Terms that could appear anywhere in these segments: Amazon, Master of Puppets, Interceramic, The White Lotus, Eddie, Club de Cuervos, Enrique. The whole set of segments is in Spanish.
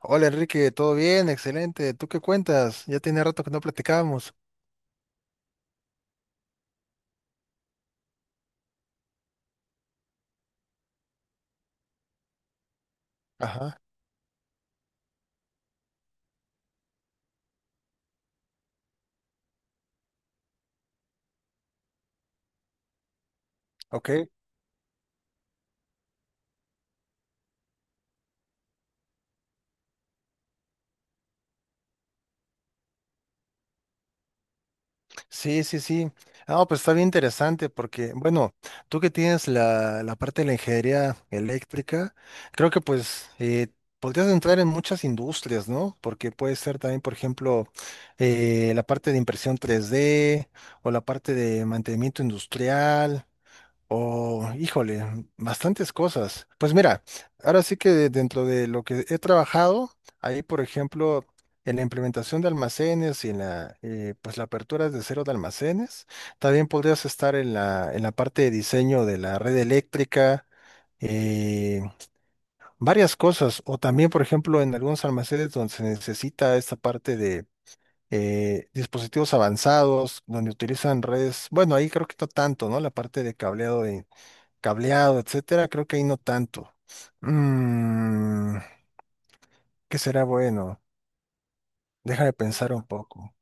Hola Enrique, ¿todo bien? Excelente. ¿Tú qué cuentas? Ya tiene rato que no platicábamos. Ajá, ok. Sí, sí, sí. Ah, pues está bien interesante porque, bueno, tú que tienes la parte de la ingeniería eléctrica, creo que pues podrías entrar en muchas industrias, ¿no? Porque puede ser también, por ejemplo, la parte de impresión 3D o la parte de mantenimiento industrial. Oh, híjole, bastantes cosas. Pues mira, ahora sí que dentro de lo que he trabajado, ahí por ejemplo, en la, implementación de almacenes y en pues la apertura de cero de almacenes, también podrías estar en la parte de diseño de la red eléctrica, eh, varias cosas, o también por ejemplo en algunos almacenes donde se necesita esta parte de... dispositivos avanzados donde utilizan redes, bueno, ahí creo que no tanto, ¿no? La parte de cableado, etcétera, creo que ahí no tanto. Mm, ¿Qué será bueno? Déjame pensar un poco.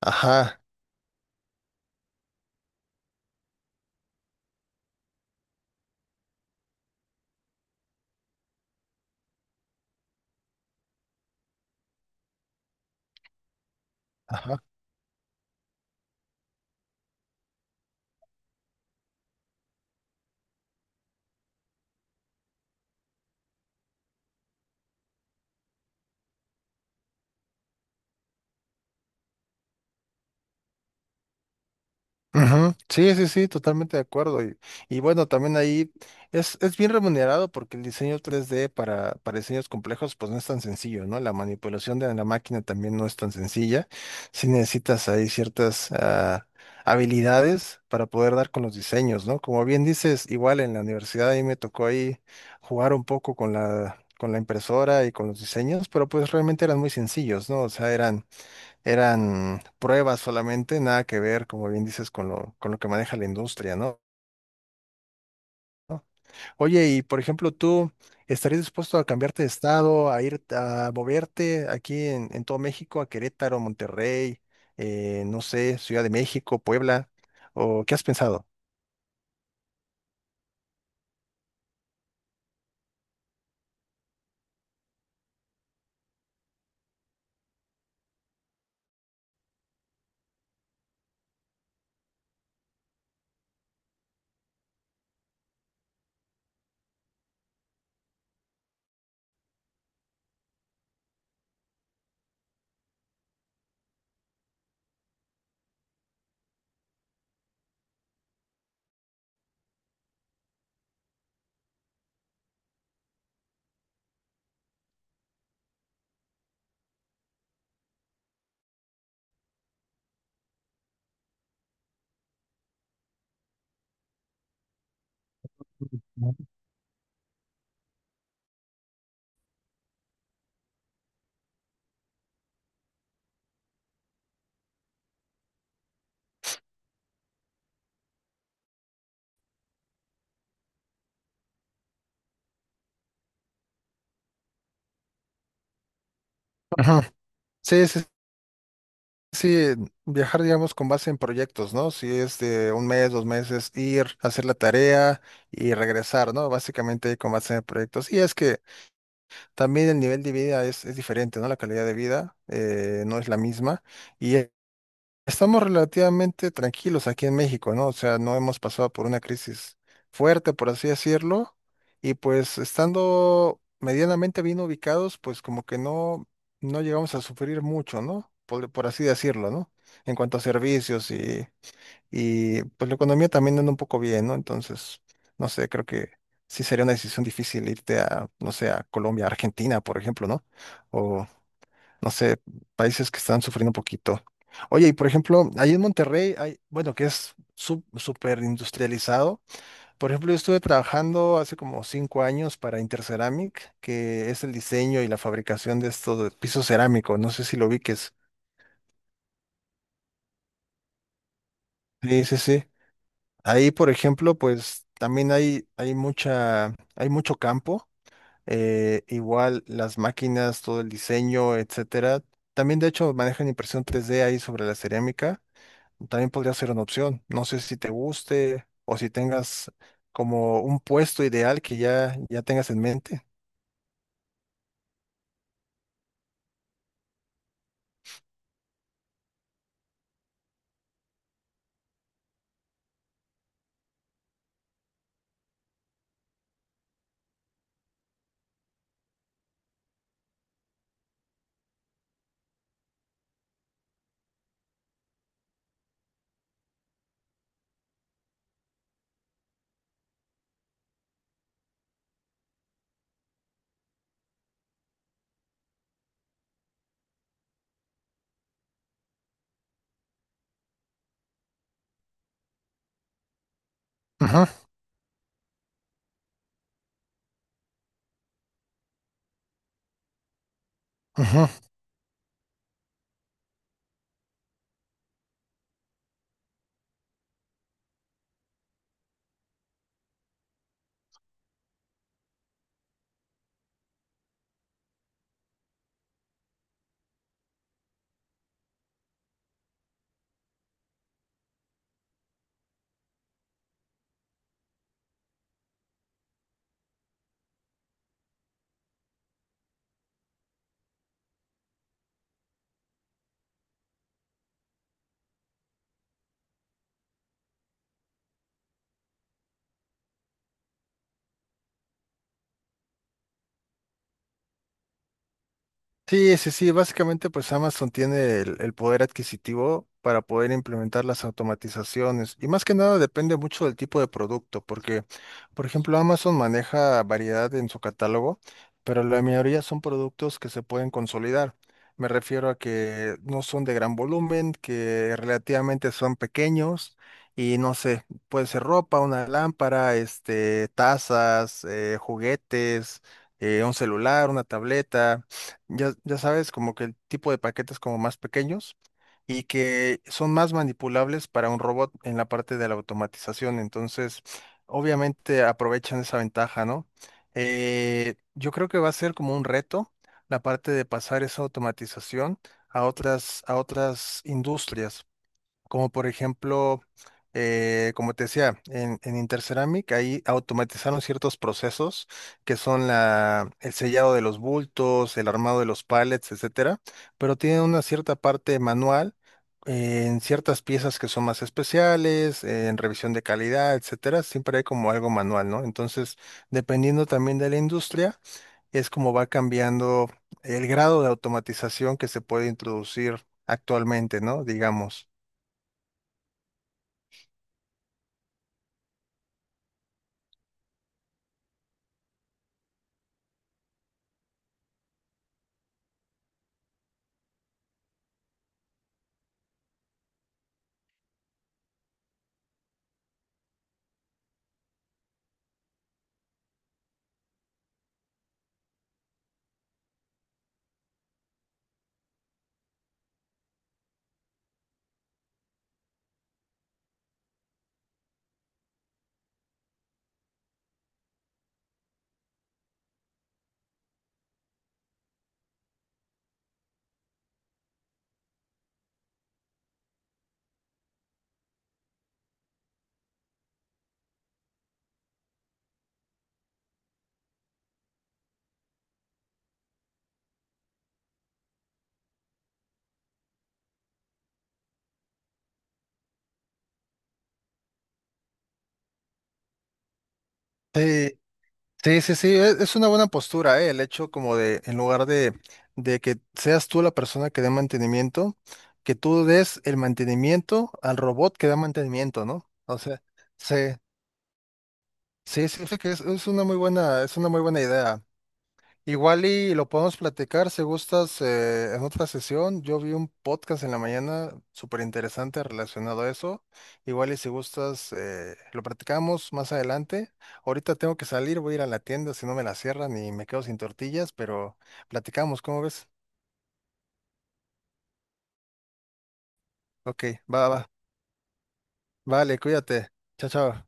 Ajá, ajá. Ujú, sí, sí, sí, totalmente de acuerdo. Y bueno, también ahí es bien remunerado porque el diseño 3D para diseños complejos pues no es tan sencillo, ¿no? La manipulación de la máquina también no es tan sencilla. Sí necesitas ahí ciertas habilidades para poder dar con los diseños, ¿no? Como bien dices, igual en la universidad ahí me tocó ahí jugar un poco con la impresora y con los diseños, pero pues realmente eran muy sencillos, ¿no? O sea, eran pruebas solamente, nada que ver, como bien dices, con lo que maneja la industria, ¿no? Oye, y por ejemplo, ¿tú estarías dispuesto a cambiarte de estado, a ir a moverte aquí en todo México, a Querétaro, Monterrey, no sé, Ciudad de México, Puebla? ¿O qué has pensado? Ajá. Sí, sí, sí, viajar, digamos, con base en proyectos, ¿no? Si es de un mes, dos meses, ir, hacer la tarea y regresar, ¿no? Básicamente con base en proyectos. Y es que también el nivel de vida es diferente, ¿no? La calidad de vida no es la misma y estamos relativamente tranquilos aquí en México, ¿no? O sea, no hemos pasado por una crisis fuerte, por así decirlo, y pues estando medianamente bien ubicados, pues como que no, no llegamos a sufrir mucho, ¿no? Por así decirlo, ¿no? En cuanto a servicios y pues la economía también anda un poco bien, ¿no? Entonces, no sé, creo que sí sería una decisión difícil irte a, no sé, a Colombia, Argentina, por ejemplo, ¿no? O, no sé, países que están sufriendo un poquito. Oye, y por ejemplo, ahí en Monterrey hay, bueno, que es súper industrializado. Por ejemplo, yo estuve trabajando hace como cinco años para Interceramic, que es el diseño y la fabricación de estos de piso cerámico. No sé si lo ubiques. Sí, sí, sí. Ahí, por ejemplo, pues también hay mucho campo. Igual las máquinas, todo el diseño, etcétera. También, de hecho, manejan impresión tres d ahí sobre la cerámica. También podría ser una opción. No sé si te guste o si tengas como un puesto ideal que ya tengas en mente. Ujú, ujú. Sí, sí, sí. Básicamente, pues Amazon tiene el poder adquisitivo para poder implementar las automatizaciones. Y más que nada depende mucho del tipo de producto, porque, por ejemplo, Amazon maneja variedad en su catálogo, pero la mayoría son productos que se pueden consolidar. Me refiero a que no son de gran volumen, que relativamente son pequeños y no sé, puede ser ropa, una lámpara, este, tazas, juguetes, un celular, una tableta ya sabes, como que el tipo de paquetes como más pequeños y que son más manipulables para un robot en la parte de la automatización. Entonces, obviamente aprovechan esa ventaja, ¿no? Yo creo que va a ser como un reto la parte de pasar esa automatización a otras industrias como por ejemplo, como te decía, en Interceramic ahí automatizaron ciertos procesos que son la, el sellado de los bultos, el armado de los pallets, etcétera, pero tienen una cierta parte manual en ciertas piezas que son más especiales, en revisión de calidad, etcétera, siempre hay como algo manual, ¿no? Entonces, dependiendo también de la industria, es como va cambiando el grado de automatización que se puede introducir actualmente, ¿no? Digamos. Sí, sí, sí, sí, es una buena postura, ¿eh? El hecho como de, en lugar de, que seas tú la persona que dé mantenimiento, que tú des el mantenimiento al robot que da mantenimiento, ¿no? O sea, sí, sí, sí, sí que es una muy buena, es una muy buena idea. Igual y lo podemos platicar si gustas en otra sesión. Yo vi un podcast en la mañana súper interesante relacionado a eso. Igual y si gustas lo platicamos más adelante. Ahorita tengo que salir, voy a ir a la tienda si no me la cierran y me quedo sin tortillas, pero platicamos, ¿cómo ves? Ok, va, va. Vale, cuídate. Chao, chao.